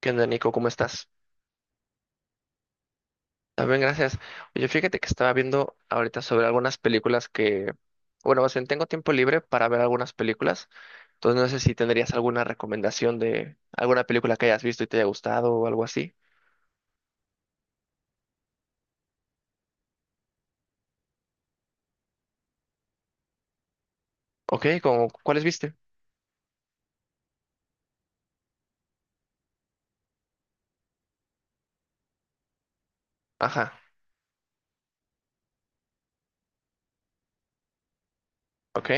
¿Qué onda, Nico? ¿Cómo estás? También, gracias. Oye, fíjate que estaba viendo ahorita sobre algunas películas bueno, más bien tengo tiempo libre para ver algunas películas, entonces no sé si tendrías alguna recomendación de alguna película que hayas visto y te haya gustado o algo así. Ok, como, ¿cuáles viste? Ajá, ok,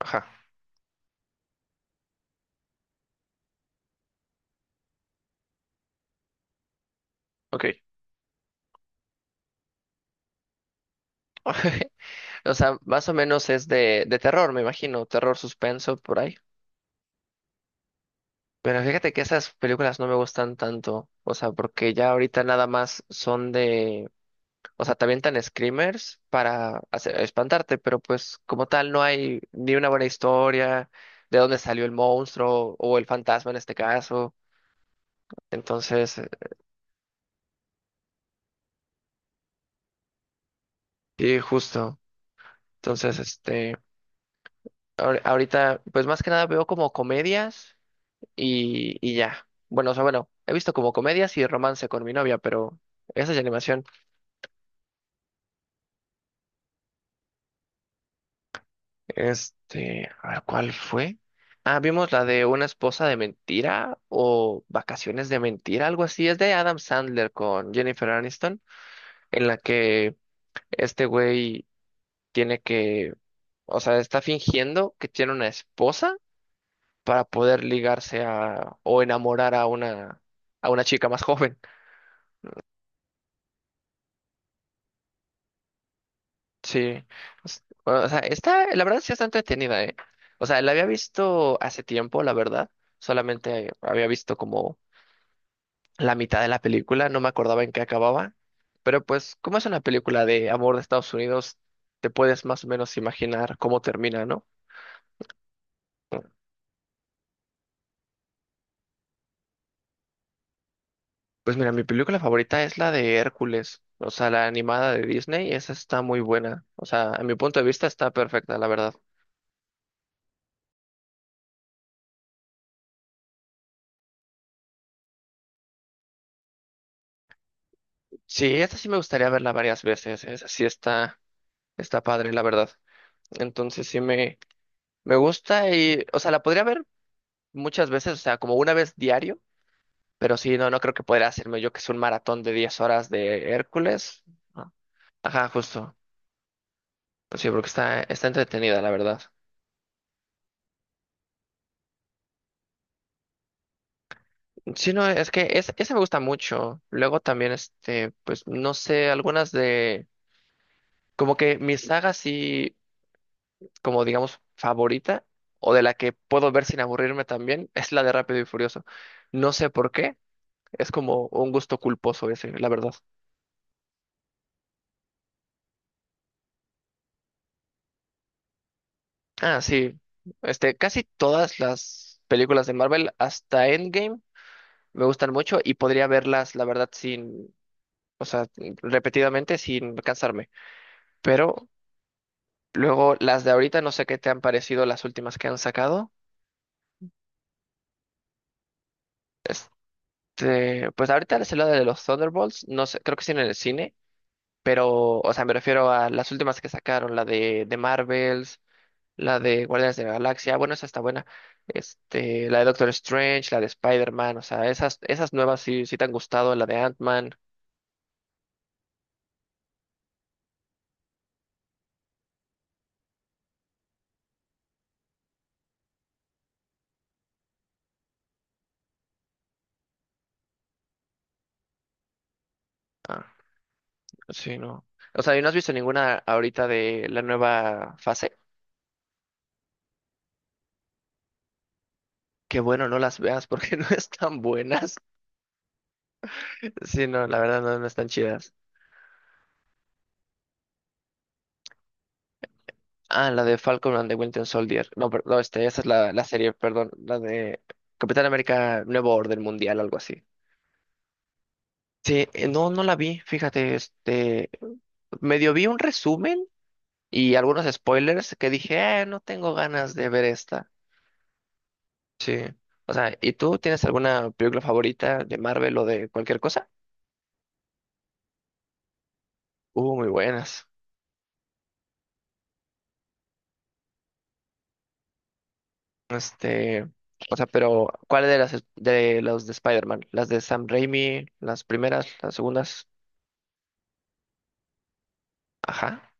ajá, ok. O sea, más o menos es de terror, me imagino, terror suspenso por ahí. Pero fíjate que esas películas no me gustan tanto, o sea, porque ya ahorita nada más son de... O sea, te avientan screamers para espantarte, pero pues como tal no hay ni una buena historia de dónde salió el monstruo o el fantasma en este caso. Entonces, y justo. Entonces, este, ahorita, pues más que nada veo como comedias y ya. Bueno, o sea, bueno, he visto como comedias y romance con mi novia, pero esa es de animación. Este, a ver, ¿cuál fue? Ah, vimos la de Una esposa de mentira o Vacaciones de mentira, algo así. Es de Adam Sandler con Jennifer Aniston, en la que este güey tiene que, o sea, está fingiendo que tiene una esposa para poder ligarse a o enamorar a una chica más joven. Sí. O sea, está, la verdad sí está entretenida, ¿eh? O sea, la había visto hace tiempo, la verdad. Solamente había visto como la mitad de la película, no me acordaba en qué acababa, pero pues como es una película de amor de Estados Unidos, te puedes más o menos imaginar cómo termina, ¿no? Pues mira, mi película favorita es la de Hércules, o sea, la animada de Disney, esa está muy buena, o sea, a mi punto de vista está perfecta, la verdad. Sí, esta sí me gustaría verla varias veces, esa sí está padre, la verdad. Entonces sí me, me gusta y, o sea, la podría ver muchas veces, o sea, como una vez diario. Pero sí, no, no creo que podría hacerme yo que es un maratón de 10 horas de Hércules. ¿No? Ajá, justo. Pues sí, porque está entretenida, la verdad. Sí, no, esa me gusta mucho. Luego también, este, pues no sé, algunas de, como que mi saga sí, como digamos, favorita, o de la que puedo ver sin aburrirme también, es la de Rápido y Furioso. No sé por qué, es como un gusto culposo ese, la verdad. Ah, sí, este, casi todas las películas de Marvel, hasta Endgame me gustan mucho y podría verlas, la verdad, sin, o sea, repetidamente sin cansarme. Pero luego las de ahorita, no sé qué te han parecido las últimas que han sacado. Pues ahorita es la de los Thunderbolts, no sé, creo que sí en el cine, pero, o sea, me refiero a las últimas que sacaron, la de Marvels, la de Guardianes de la Galaxia, bueno, esa está buena. Este, la de Doctor Strange, la de Spider-Man, o sea, esas nuevas sí, sí te han gustado, la de Ant-Man. Ah, sí, no. O sea, ¿y no has visto ninguna ahorita de la nueva fase? Qué bueno, no las veas porque no están buenas. Sí, no, la verdad no, no están chidas. Ah, la de Falcon and the Winter Soldier. No, perdón, no, este, esa es la serie, perdón, la de Capitán América Nuevo Orden Mundial, algo así. Sí, no, no la vi, fíjate, este, medio vi un resumen y algunos spoilers que dije, no tengo ganas de ver esta. Sí. O sea, ¿y tú tienes alguna película favorita de Marvel o de cualquier cosa? Muy buenas. Este, o sea, pero ¿cuáles de las de los de Spider-Man? ¿Las de Sam Raimi? ¿Las primeras? ¿Las segundas? Ajá.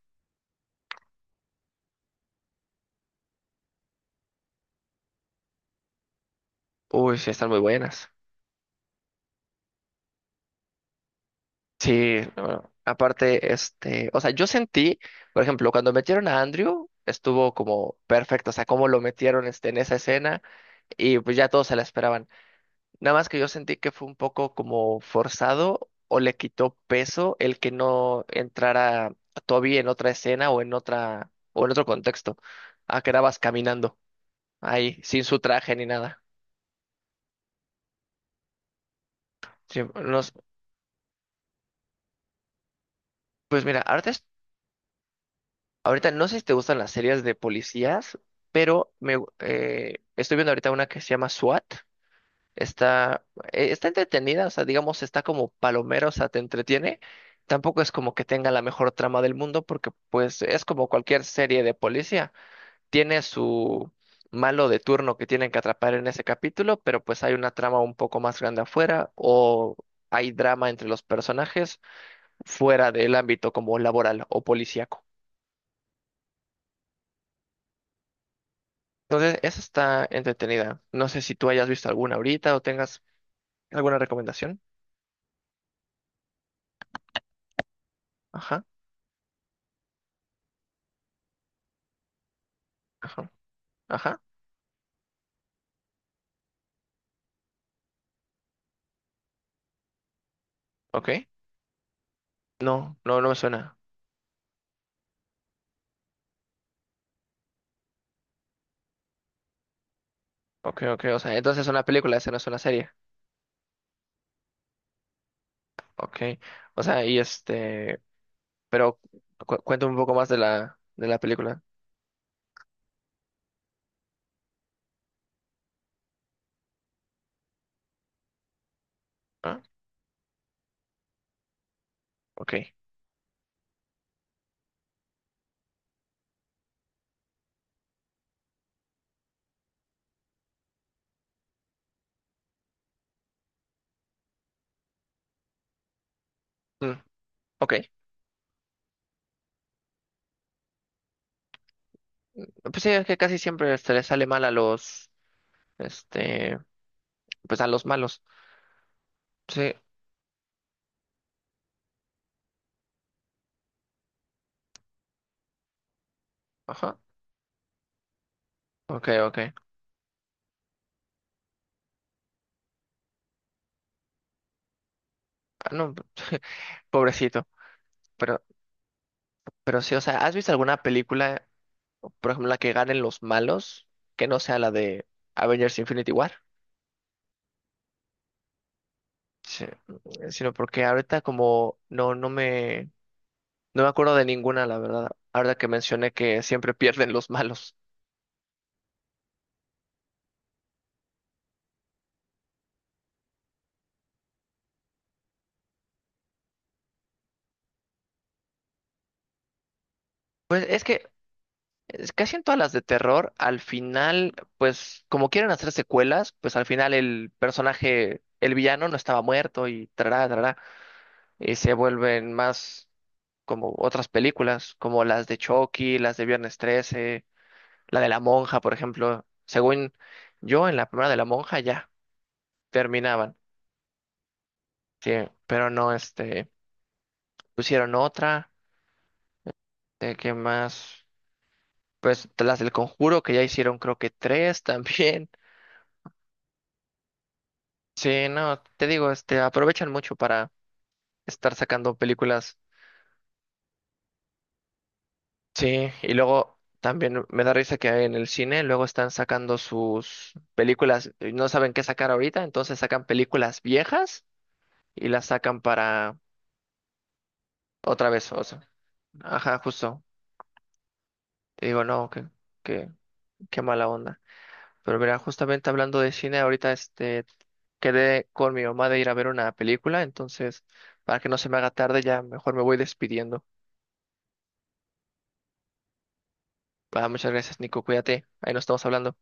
Uy, sí, están muy buenas. Sí, bueno, aparte, este, o sea, yo sentí, por ejemplo, cuando metieron a Andrew, estuvo como perfecto, o sea, cómo lo metieron este, en esa escena y pues ya todos se la esperaban. Nada más que yo sentí que fue un poco como forzado o le quitó peso el que no entrara Toby en otra escena o en otro contexto. Ah, quedabas caminando ahí, sin su traje ni nada. Sí, no s- pues mira, ahorita, ahorita no sé si te gustan las series de policías, pero estoy viendo ahorita una que se llama SWAT. Está, está entretenida, o sea, digamos, está como palomero, o sea, te entretiene. Tampoco es como que tenga la mejor trama del mundo, porque pues es como cualquier serie de policía. Tiene su malo de turno que tienen que atrapar en ese capítulo, pero pues hay una trama un poco más grande afuera, o hay drama entre los personajes fuera del ámbito como laboral o policíaco. Entonces, esa está entretenida. No sé si tú hayas visto alguna ahorita o tengas alguna recomendación. Ajá, ajá, ajá, ok. No, no, no me suena. Ok, ok, o sea, entonces es una película, esa no es una serie. Ok, o sea, y este, pero cuéntame un poco más de de la película. Ah, ok. Mm, ok. Pues sí, es que casi siempre se le sale mal a los, este, pues a los malos. Sí, ajá. Ok, ok. Ah, no, pobrecito. Pero, pero sí, o sea, ¿has visto alguna película, por ejemplo, la que ganen los malos, que no sea la de Avengers Infinity War? Sí, sino porque ahorita como no me acuerdo de ninguna, la verdad. Ahora que mencioné que siempre pierden los malos. Pues es casi en todas las de terror, al final, pues como quieren hacer secuelas, pues al final el personaje, el villano no estaba muerto y trará, trará, y se vuelven más como otras películas, como las de Chucky, las de Viernes 13, la de La Monja, por ejemplo. Según yo, en la primera de La Monja ya terminaban. Sí, pero no, este, pusieron otra, de que más, pues de las del Conjuro, que ya hicieron creo que tres también. Sí, no, te digo, este, aprovechan mucho para estar sacando películas. Sí, y luego también me da risa que en el cine luego están sacando sus películas, y no saben qué sacar ahorita, entonces sacan películas viejas y las sacan para otra vez, o sea, ajá, justo. Te digo, no, que, qué mala onda. Pero mira, justamente hablando de cine, ahorita este quedé con mi mamá de ir a ver una película, entonces para que no se me haga tarde, ya mejor me voy despidiendo. Va, muchas gracias, Nico, cuídate, ahí nos estamos hablando.